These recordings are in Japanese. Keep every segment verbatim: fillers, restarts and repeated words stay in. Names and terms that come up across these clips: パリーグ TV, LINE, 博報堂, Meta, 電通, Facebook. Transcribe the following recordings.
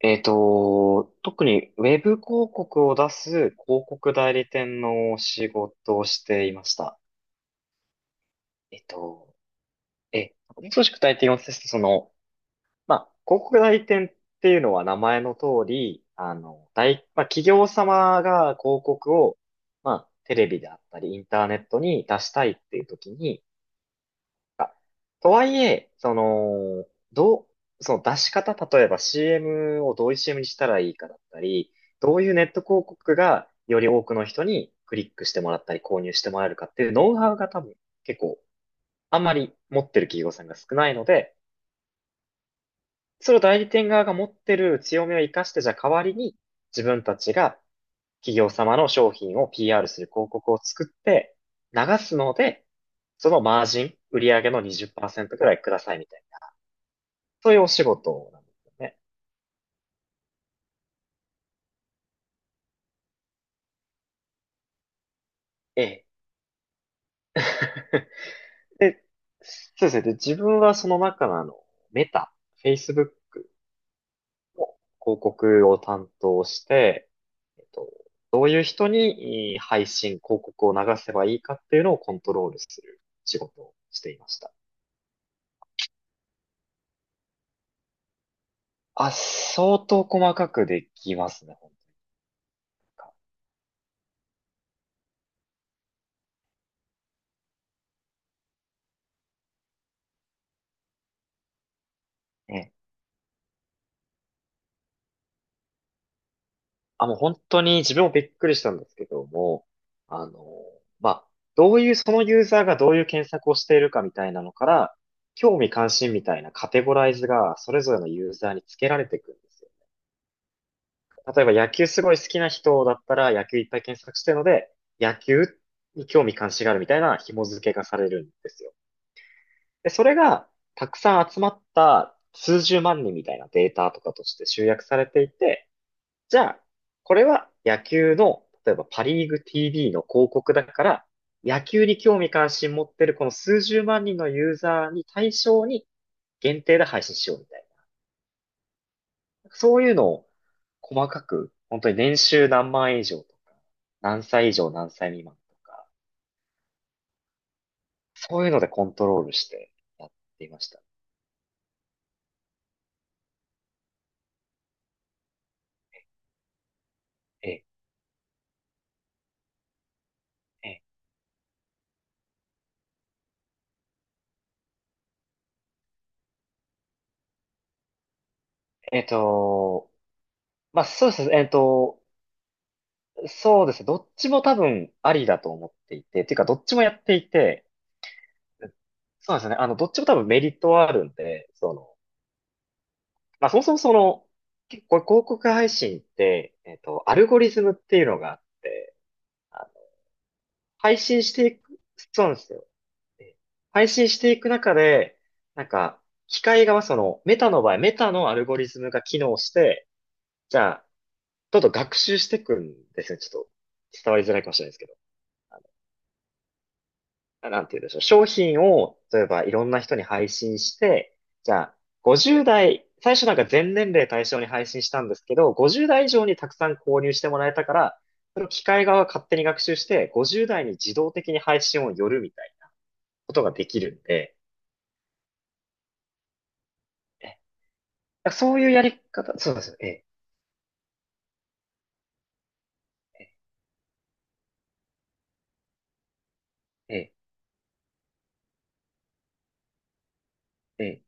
えっと、特にウェブ広告を出す広告代理店の仕事をしていました。えっと、え、少し具体的すその、まあ、広告代理店っていうのは名前の通り、あの、大、まあ、企業様が広告を、まあ、テレビであったり、インターネットに出したいっていう時に、とはいえ、その、どう、その出し方、例えば シーエム をどういう シーエム にしたらいいかだったり、どういうネット広告がより多くの人にクリックしてもらったり購入してもらえるかっていうノウハウが多分結構あんまり持ってる企業さんが少ないので、それを代理店側が持ってる強みを活かして、じゃあ代わりに自分たちが企業様の商品を ピーアール する広告を作って流すので、そのマージン、売上のにじゅうパーセントくらいくださいみたいな。そういうお仕事なんですよね。ええ。で、そうですね。で、自分はその中のあの、メタ、Facebook 広告を担当して、えっと、どういう人にいい配信、広告を流せばいいかっていうのをコントロールする仕事をしていました。あ、相当細かくできますね、本当に。えあ、もう本当に自分もびっくりしたんですけども、あの、まあ、どういう、そのユーザーがどういう検索をしているかみたいなのから、興味関心みたいなカテゴライズがそれぞれのユーザーにつけられていくんですよ。例えば野球すごい好きな人だったら野球いっぱい検索してるので、野球に興味関心があるみたいな紐付けがされるんですよ。で、それがたくさん集まった数十万人みたいなデータとかとして集約されていて、じゃあ、これは野球の、例えばパリーグ ティーブイ の広告だから、野球に興味関心持ってるこの数十万人のユーザーに対象に限定で配信しようみたいな。そういうのを細かく、本当に年収何万円以上とか、何歳以上何歳未満とか、そういうのでコントロールしてやっていました。ええ、えええっと、まあ、そうですね、えっと、そうですね、どっちも多分ありだと思っていて、っていうかどっちもやっていて、そうですね。あの、どっちも多分メリットはあるんで、その、まあそもそもその、結構広告配信って、えっと、アルゴリズムっていうのがあって、あの配信していく、そうなんですよ。で配信していく中で、なんか、機械側、その、メタの場合、メタのアルゴリズムが機能して、じゃあ、どんどん学習していくんですね。ちょっと、伝わりづらいかもしれないですけど。なんて言うんでしょう。商品を、例えばいろんな人に配信して、じゃあ、ごじゅう代、最初なんか全年齢対象に配信したんですけど、ごじゅう代以上にたくさん購入してもらえたから、それを機械側が勝手に学習して、ごじゅう代に自動的に配信を寄るみたいなことができるんで、えそういうやり方、そうですよ。ええ、ええ、ええ。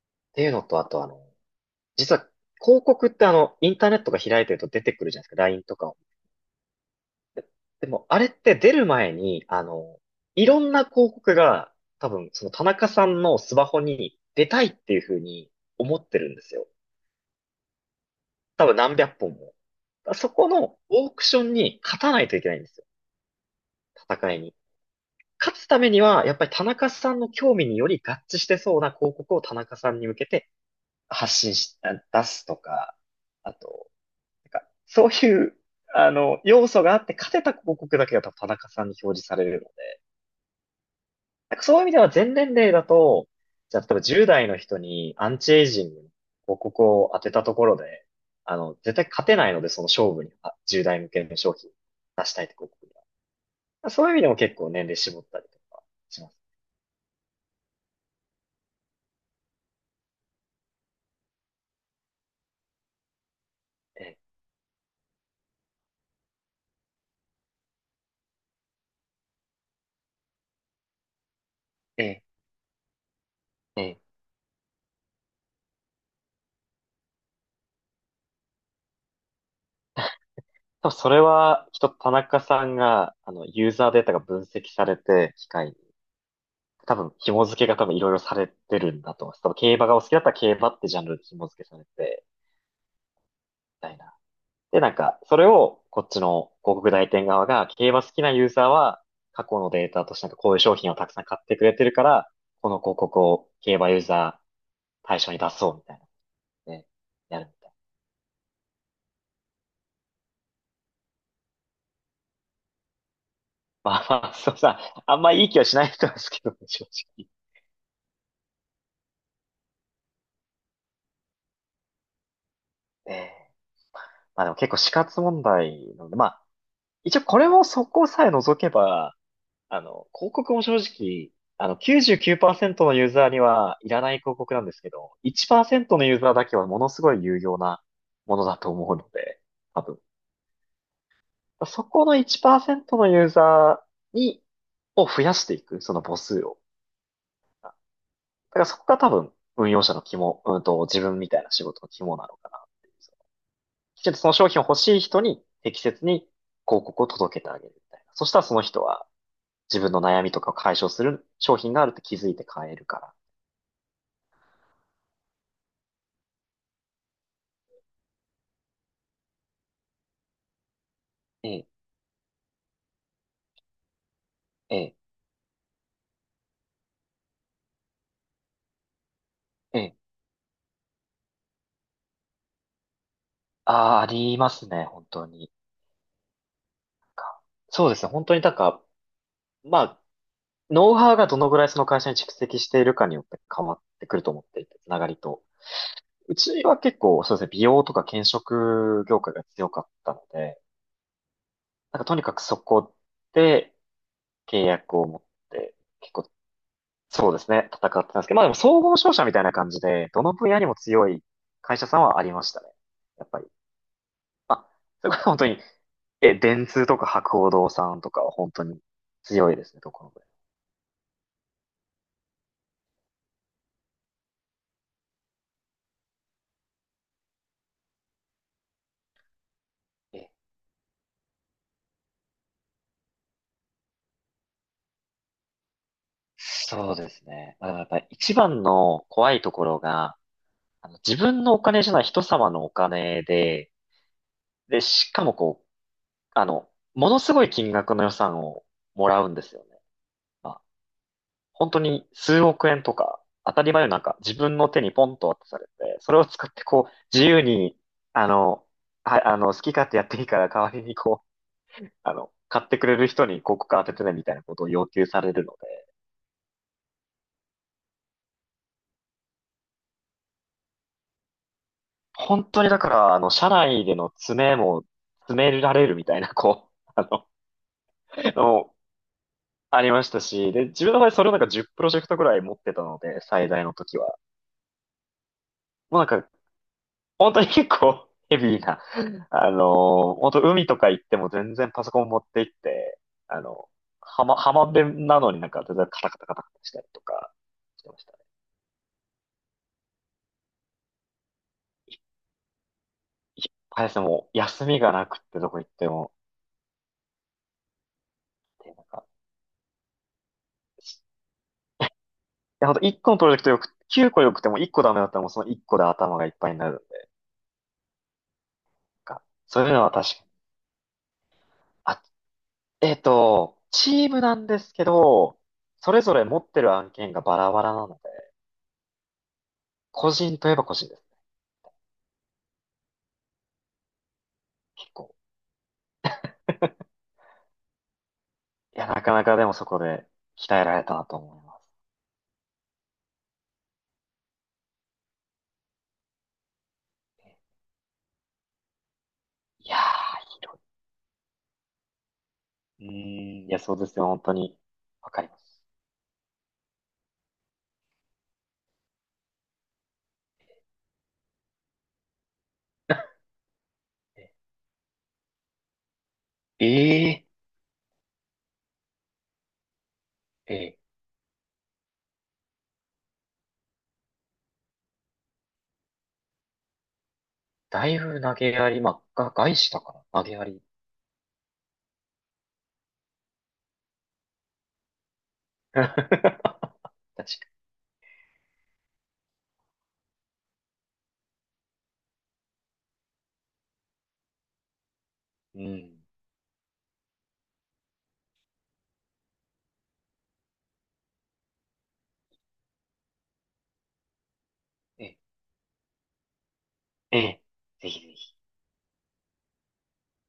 っていうのと、あとあの、実は広告ってあの、インターネットが開いてると出てくるじゃないですか。ライン とかでも、あれって出る前に、あの、いろんな広告が、多分、その田中さんのスマホに出たいっていうふうに思ってるんですよ。多分何百本も。だからそこのオークションに勝たないといけないんですよ。戦いに。勝つためには、やっぱり田中さんの興味により合致してそうな広告を田中さんに向けて発信し、あ出すとか、あと、なんか、そういう、あの、要素があって勝てた広告だけが多分田中さんに表示されるの。なんかそういう意味では全年齢だと、じゃあ例えばじゅう代の人にアンチエイジングの広告を当てたところで、あの、絶対勝てないので、その勝負に、あじゅう代向けの商品出したいって広告には。そういう意味でも結構年齢絞ったりとかします。ええ、ええ、ええ。多分それは、きっと田中さんが、あの、ユーザーデータが分析されて、機械に、多分紐付けが多分いろいろされてるんだと思います。多分競馬がお好きだったら競馬ってジャンルで紐付けされて、みたいな。で、なんか、それをこっちの広告代理店側が、競馬好きなユーザーは過去のデータとしてなんかこういう商品をたくさん買ってくれてるから、この広告を競馬ユーザー対象に出そうみたいなね、やるみたいな。まあまあ、そうさ、あんまいい気はしない人ですけどね、正直。えーまあでも結構死活問題なので、まあ、一応これもそこさえ除けば、あの、広告も正直、あの、きゅうじゅうきゅうパーセントのユーザーにはいらない広告なんですけど、いちパーセントのユーザーだけはものすごい有用なものだと思うので、多分。そこのいちパーセントのユーザーに、を増やしていく、その母数を。だからそこが多分、運用者の肝、うんと、自分みたいな仕事の肝なのかなっていう。きちんとその商品を欲しい人に適切に広告を届けてあげるみたいな。そしたらその人は自分の悩みとかを解消する商品があるって気づいて買えるから。ええ、ええ、ええ。ああ、ありますね、本当に。かそうですね、本当になんか、まあ、ノウハウがどのぐらいその会社に蓄積しているかによって変わってくると思っていて、つながりと。うちは結構、そうですね、美容とか検食業界が強かったので、なんかとにかくそこで契約を持って、結構、そうですね、戦ってたんですけど、まあでも総合商社みたいな感じで、どの分野にも強い会社さんはありましたね。やっぱり。あ、それこそ本当に、え、電通とか博報堂さんとかは本当に強いですね、どこの国。えそうですね。まあ、やっぱり一番の怖いところが、あの、自分のお金じゃない人様のお金で、で、しかもこう、あの、ものすごい金額の予算をもらうんですよね。まあ、本当に数億円とか、当たり前のなんか自分の手にポンと渡されて、それを使ってこう、自由に、あの、はい、あの、好き勝手やっていいから代わりにこあの、買ってくれる人に広告当ててねみたいなことを要求されるので、本当にだから、あの、社内での詰めも、詰められるみたいな、こう、あの、のありましたし、で、自分の場合それをなんかじゅうプロジェクトぐらい持ってたので、最大の時は。もうなんか、本当に結構 ヘビーな、あのー、本当海とか行っても全然パソコン持って行って、あの、浜、浜辺なのになんか全然カタカタカタカタしたりとかしてましたね。いっぱいですね、もう休みがなくってどこ行っても、なんかや、ほんといっこのプロジェクトよく、きゅうこよくてもいっこダメだったらもうそのいっこで頭がいっぱいになるんで、なんかそういうのは確かに。あ、えっと、チームなんですけど、それぞれ持ってる案件がバラバラなので、個人といえば個人です。結構。いや、なかなかでもそこで鍛えられたなと思います。いやー、広い。うーん、いや、そうですよ、本当に。わかります。ええー、ええ、だいぶ投げやり、まあ、が、外資だから、投げやり。確かに。うん。ええええ、ぜひぜひ。